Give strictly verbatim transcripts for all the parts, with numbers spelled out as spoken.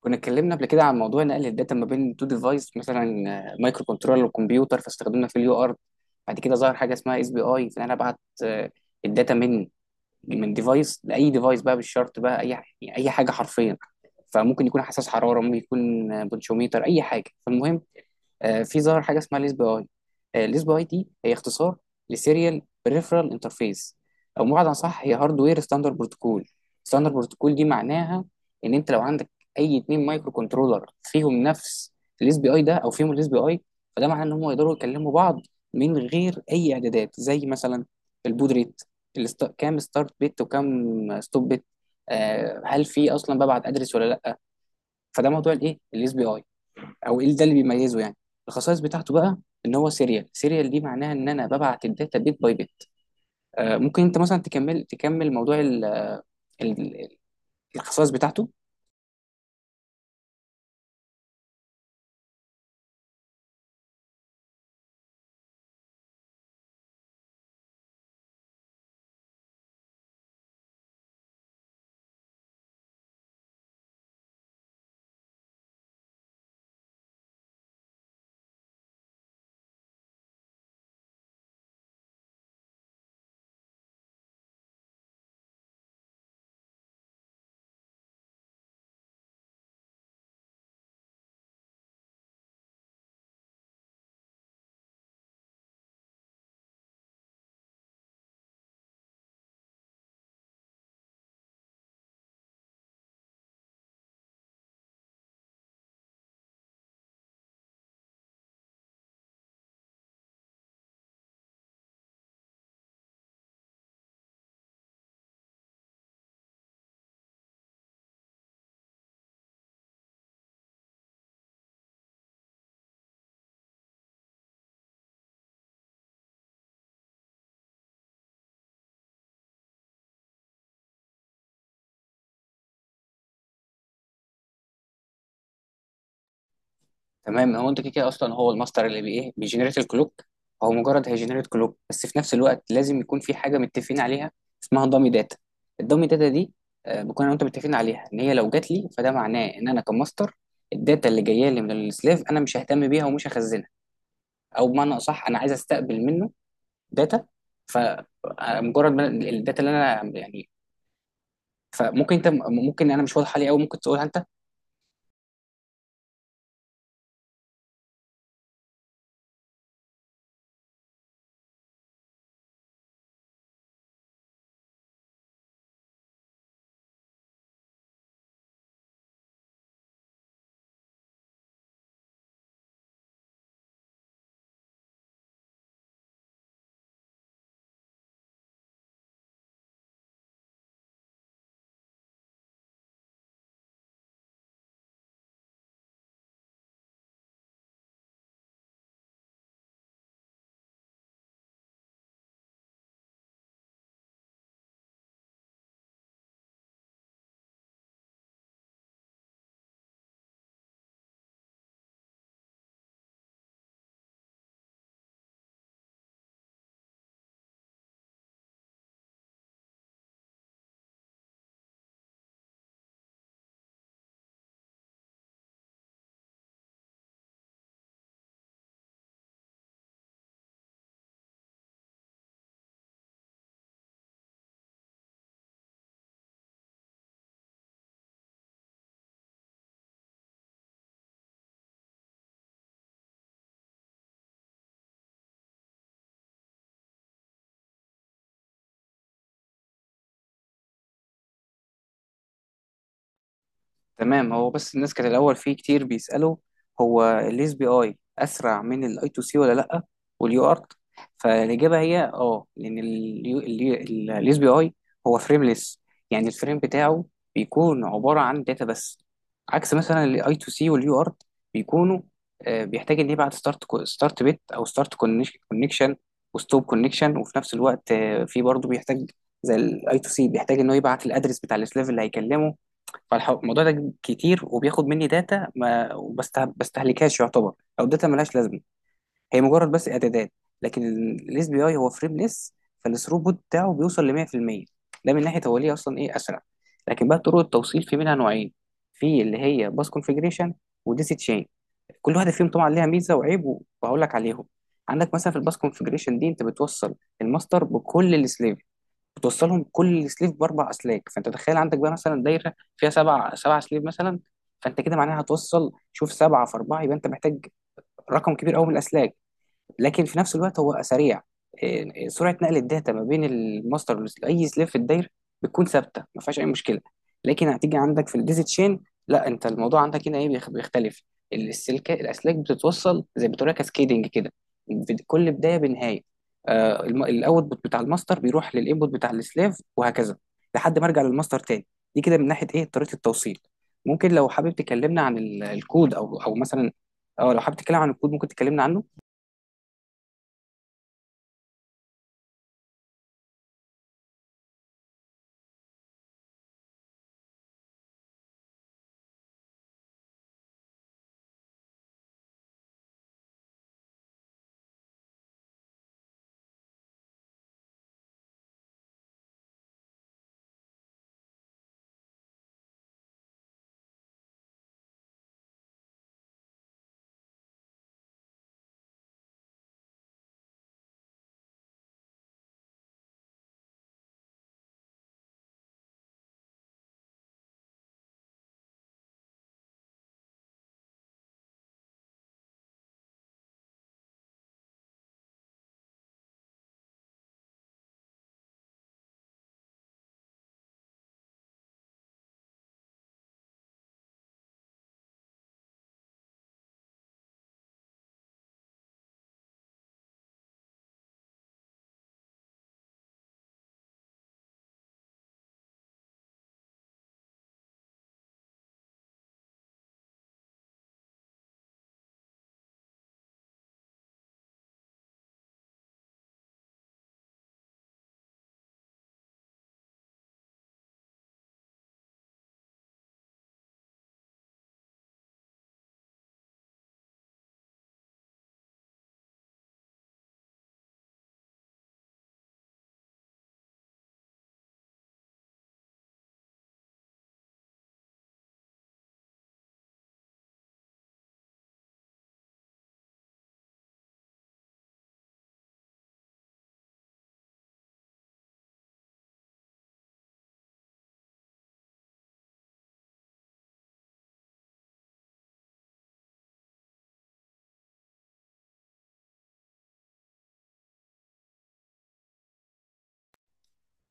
كنا اتكلمنا قبل كده عن موضوع نقل الداتا ما بين تو ديفايس، مثلا مايكرو كنترولر وكمبيوتر، فاستخدمنا في اليو ار. بعد كده ظهر حاجه اسمها اس بي اي، فانا ابعت آه، الداتا من من ديفايس لاي ديفايس بقى، بالشرط بقى اي اي حاجه حرفيا. فممكن يكون حساس حراره، ممكن يكون بونشوميتر، اي حاجه. فالمهم آه، في ظهر حاجه اسمها ليس بي اي ليس بي اي دي، هي اختصار لسيريال بريفرال انترفيس، او بمعنى صح هي هاردوير ستاندرد بروتوكول ستاندرد بروتوكول. دي معناها ان انت لو عندك اي اتنين مايكرو كنترولر فيهم نفس الليس بي اي ده، او فيهم الليس بي اي، فده معناه ان هم يقدروا يكلموا بعض من غير اي اعدادات، زي مثلا البود ريت، الست... كام ستارت بت وكام ستوب بت. آه هل في اصلا ببعت ادرس ولا لا؟ فده موضوع الايه، الاس بي اي. او ايه ده اللي بيميزه؟ يعني الخصائص بتاعته بقى: ان هو سيريال. سيريال دي معناها ان انا ببعت الداتا بيت باي بيت. آه ممكن انت مثلا تكمل تكمل موضوع ال ال ال- الخصائص بتاعته؟ تمام، هو انت كده كده اصلا هو الماستر، اللي بي ايه بيجنريت الكلوك. هو مجرد هيجنريت كلوك، بس في نفس الوقت لازم يكون في حاجه متفقين عليها، اسمها دامي داتا. الدامي داتا دي آه بكون انا وانت متفقين عليها ان هي لو جات لي، فده معناه ان انا كماستر الداتا اللي جايه لي من السلاف انا مش ههتم بيها، ومش هخزنها. او بمعنى اصح، انا عايز استقبل منه داتا. فمجرد ما الداتا اللي انا، يعني، فممكن انت، ممكن انا مش واضح عليه قوي، ممكن تقولها انت. تمام، هو بس الناس كانت الأول فيه كتير بيسألوا: هو ال إس بي آي أسرع من ال آي تو سي ولا لأ، واليو ارت؟ فالإجابة هي آه لأن ال إس بي آي هو فريمليس. يعني الفريم بتاعه بيكون عبارة عن داتا بس، عكس مثلا ال آي تو سي واليو ارت بيكونوا، آه، بيحتاج إن يبعت ستارت ستارت بت أو ستارت كونكشن وستوب كونكشن، وفي نفس الوقت آه، في برضه بيحتاج، زي ال آي تو سي، بيحتاج إن هو يبعت الأدرس بتاع السلاف اللي هيكلمه. فالموضوع ده كتير وبياخد مني داتا ما بسته- بستهلكهاش يعتبر، او داتا ملهاش لازمه، هي مجرد بس اعدادات. لكن الاس بي اي هو فريمليس، فالثروبوت بتاعه بيوصل ل ميه في الميه. ده من ناحيه هو ليه اصلا ايه اسرع. لكن بقى طرق التوصيل في منها نوعين: في اللي هي باس كونفيجريشن وديسي تشين. كل واحده فيهم طبعا ليها ميزه وعيب، وهقول لك عليهم. عندك مثلا في الباس كونفيجريشن دي انت بتوصل الماستر بكل السليف، بتوصلهم كل سليف باربع اسلاك. فانت تخيل عندك بقى مثلا دايره فيها سبع سبع سليف مثلا، فانت كده معناها هتوصل، شوف، سبعه في اربعه، يبقى انت محتاج رقم كبير قوي من الاسلاك. لكن في نفس الوقت هو سريع. إيه، سرعه نقل الداتا ما بين الماستر لاي سليف في الداير بتكون ثابته، ما فيهاش اي مشكله. لكن هتيجي عندك في الديزي تشين، لا، انت الموضوع عندك هنا ايه بيخ- بيختلف. السلك، الاسلاك بتتوصل زي بتقول كاسكيدنج كده، بد- كل بدايه بنهايه. آه الاوتبوت بتاع الماستر بيروح للانبوت بتاع السليف، وهكذا لحد ما ارجع للماستر تاني. دي كده من ناحيه ايه طريقه التوصيل. ممكن لو حابب تكلمنا عن ال- الكود، او او مثلا، اه لو حابب تتكلم عن الكود ممكن تكلمنا عنه.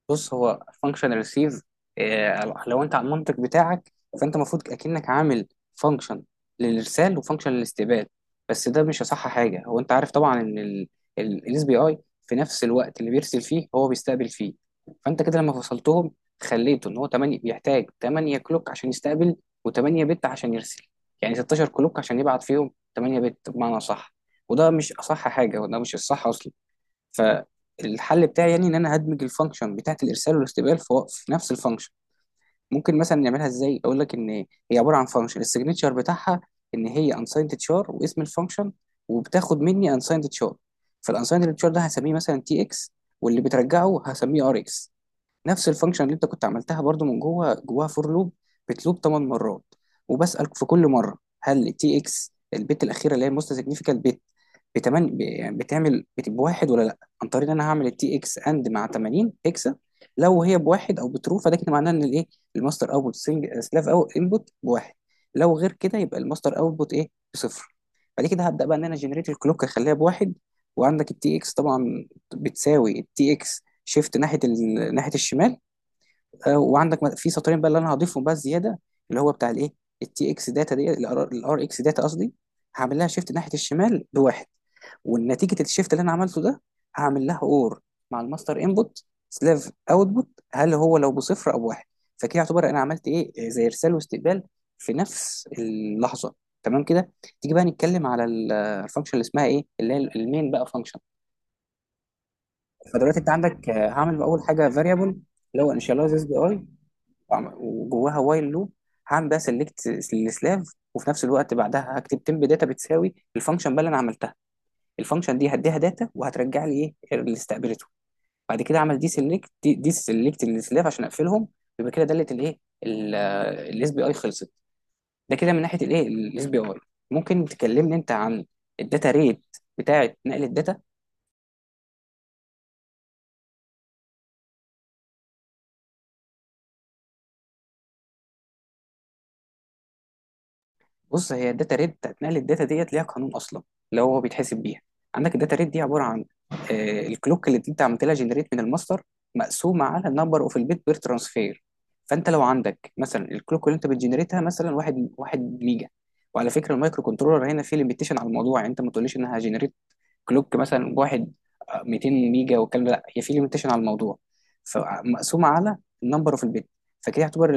بص، هو فانكشن ريسيف، لو انت على المنطق بتاعك، فانت المفروض اكنك عامل فانكشن للارسال وفانكشن للاستقبال، بس ده مش اصح حاجه. هو انت عارف طبعا ان الاس بي اي في نفس الوقت اللي بيرسل فيه هو بيستقبل فيه. فانت كده لما فصلتهم، خليته ان هو تمنية بيحتاج ثمانية كلوك عشان يستقبل، و8 بت عشان يرسل، يعني ستاشر كلوك عشان يبعت فيهم ثمانية بت بمعنى صح. وده مش اصح حاجه، وده مش الصح اصلا. فالحل بتاعي يعني ان انا هدمج الفانكشن بتاعت الارسال والاستقبال في وق- في نفس الفانكشن. ممكن مثلا نعملها ازاي، اقول لك ان هي عباره عن فانكشن، السيجنتشر بتاعها ان هي unsigned char واسم الفانكشن، وبتاخد مني unsigned char. فالunsigned char ده هسميه مثلا تي اكس، واللي بترجعه هسميه ار اكس. نفس الفانكشن اللي انت كنت عملتها برضو، من جوه جواها فور لوب بتلوب ثمانية مرات، وبسأل في كل مره: هل تي اكس البت الاخيره اللي هي موست سيجنيفيكال بت بتمن ب- يعني بتعمل بت- بواحد ولا لا؟ عن طريق ان انا هعمل التي اكس اند مع تمانين هيكسا. لو هي بواحد او بترو، فده كده معناه ان الايه الماستر اوتبوت سلاف او انبوت بواحد. لو غير كده، يبقى الماستر اوتبوت ايه بصفر. بعد كده هبدا بقى ان انا جنريت الكلوك، اخليها بواحد، وعندك التي اكس طبعا بتساوي التي اكس شيفت ناحيه ال... ناحيه الشمال. آه، وعندك م- في سطرين بقى اللي انا هضيفهم بقى زياده، اللي هو بتاع الايه التي اكس داتا، دي الار اكس داتا قصدي، هعمل لها شيفت ناحيه الشمال بواحد. ونتيجه الشيفت اللي انا عملته ده، هعمل لها اور مع الماستر انبوت سلاف اوتبوت، هل هو لو بصفر او بواحد. فكده يعتبر انا عملت ايه، آه، زي ارسال واستقبال في نفس اللحظه. تمام كده. تيجي بقى نتكلم على الفانكشن اللي اسمها ايه، اللي هي المين بقى فانكشن. فدلوقتي انت عندك، آه، هعمل اول حاجه فاريبل اللي هو انيشاليزز بي اي، وجواها وايل لوب. هعمل بقى سيلكت السلاف، وفي نفس الوقت بعدها هكتب تمب داتا بتساوي الفانكشن بقى اللي انا عملتها، الفانكشن دي هديها داتا وهترجع لي ايه اللي استقبلته. بعد كده اعمل دي سيلكت دي, دي سيلكت السلاف عشان اقفلهم. يبقى كده دلت الايه الاس بي اي خلصت. ده كده من ناحيه الايه الاس بي اي. ممكن تكلمني انت عن الداتا ريت بتاعه نقل الداتا؟ بص، هي الداتا ريت بتاعت نقل الداتا ديت ليها قانون اصلا اللي هو بيتحسب بيها. عندك الداتا ريت دي عباره عن آه الكلوك اللي انت عملت لها جنريت من الماستر، مقسومه على النمبر اوف البيت بير ترانسفير. فانت لو عندك مثلا الكلوك اللي انت بتجنريتها مثلا واحد واحد ميجا. وعلى فكره المايكرو كنترولر هنا فيه ليميتيشن على الموضوع، يعني انت ما تقوليش انها جنريت كلوك مثلا واحد آه، ميتين ميجا والكلام ده، لا، هي في ليميتيشن على الموضوع. فمقسومه على النمبر اوف البيت، فكده يعتبر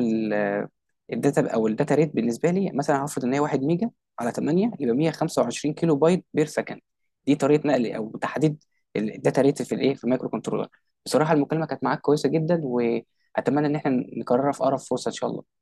الداتا او الداتا ريت بالنسبه لي مثلا هفرض ان هي واحد ميجا على تمنية، يبقى مئة وخمسة وعشرين كيلو بايت بير سكند. دي طريقه نقل او تحديد الداتا ريت في الايه، في المايكرو كنترولر. بصراحه المكالمه كانت معاك كويسه جدا، واتمنى ان احنا نكررها في اقرب فرصه ان شاء الله.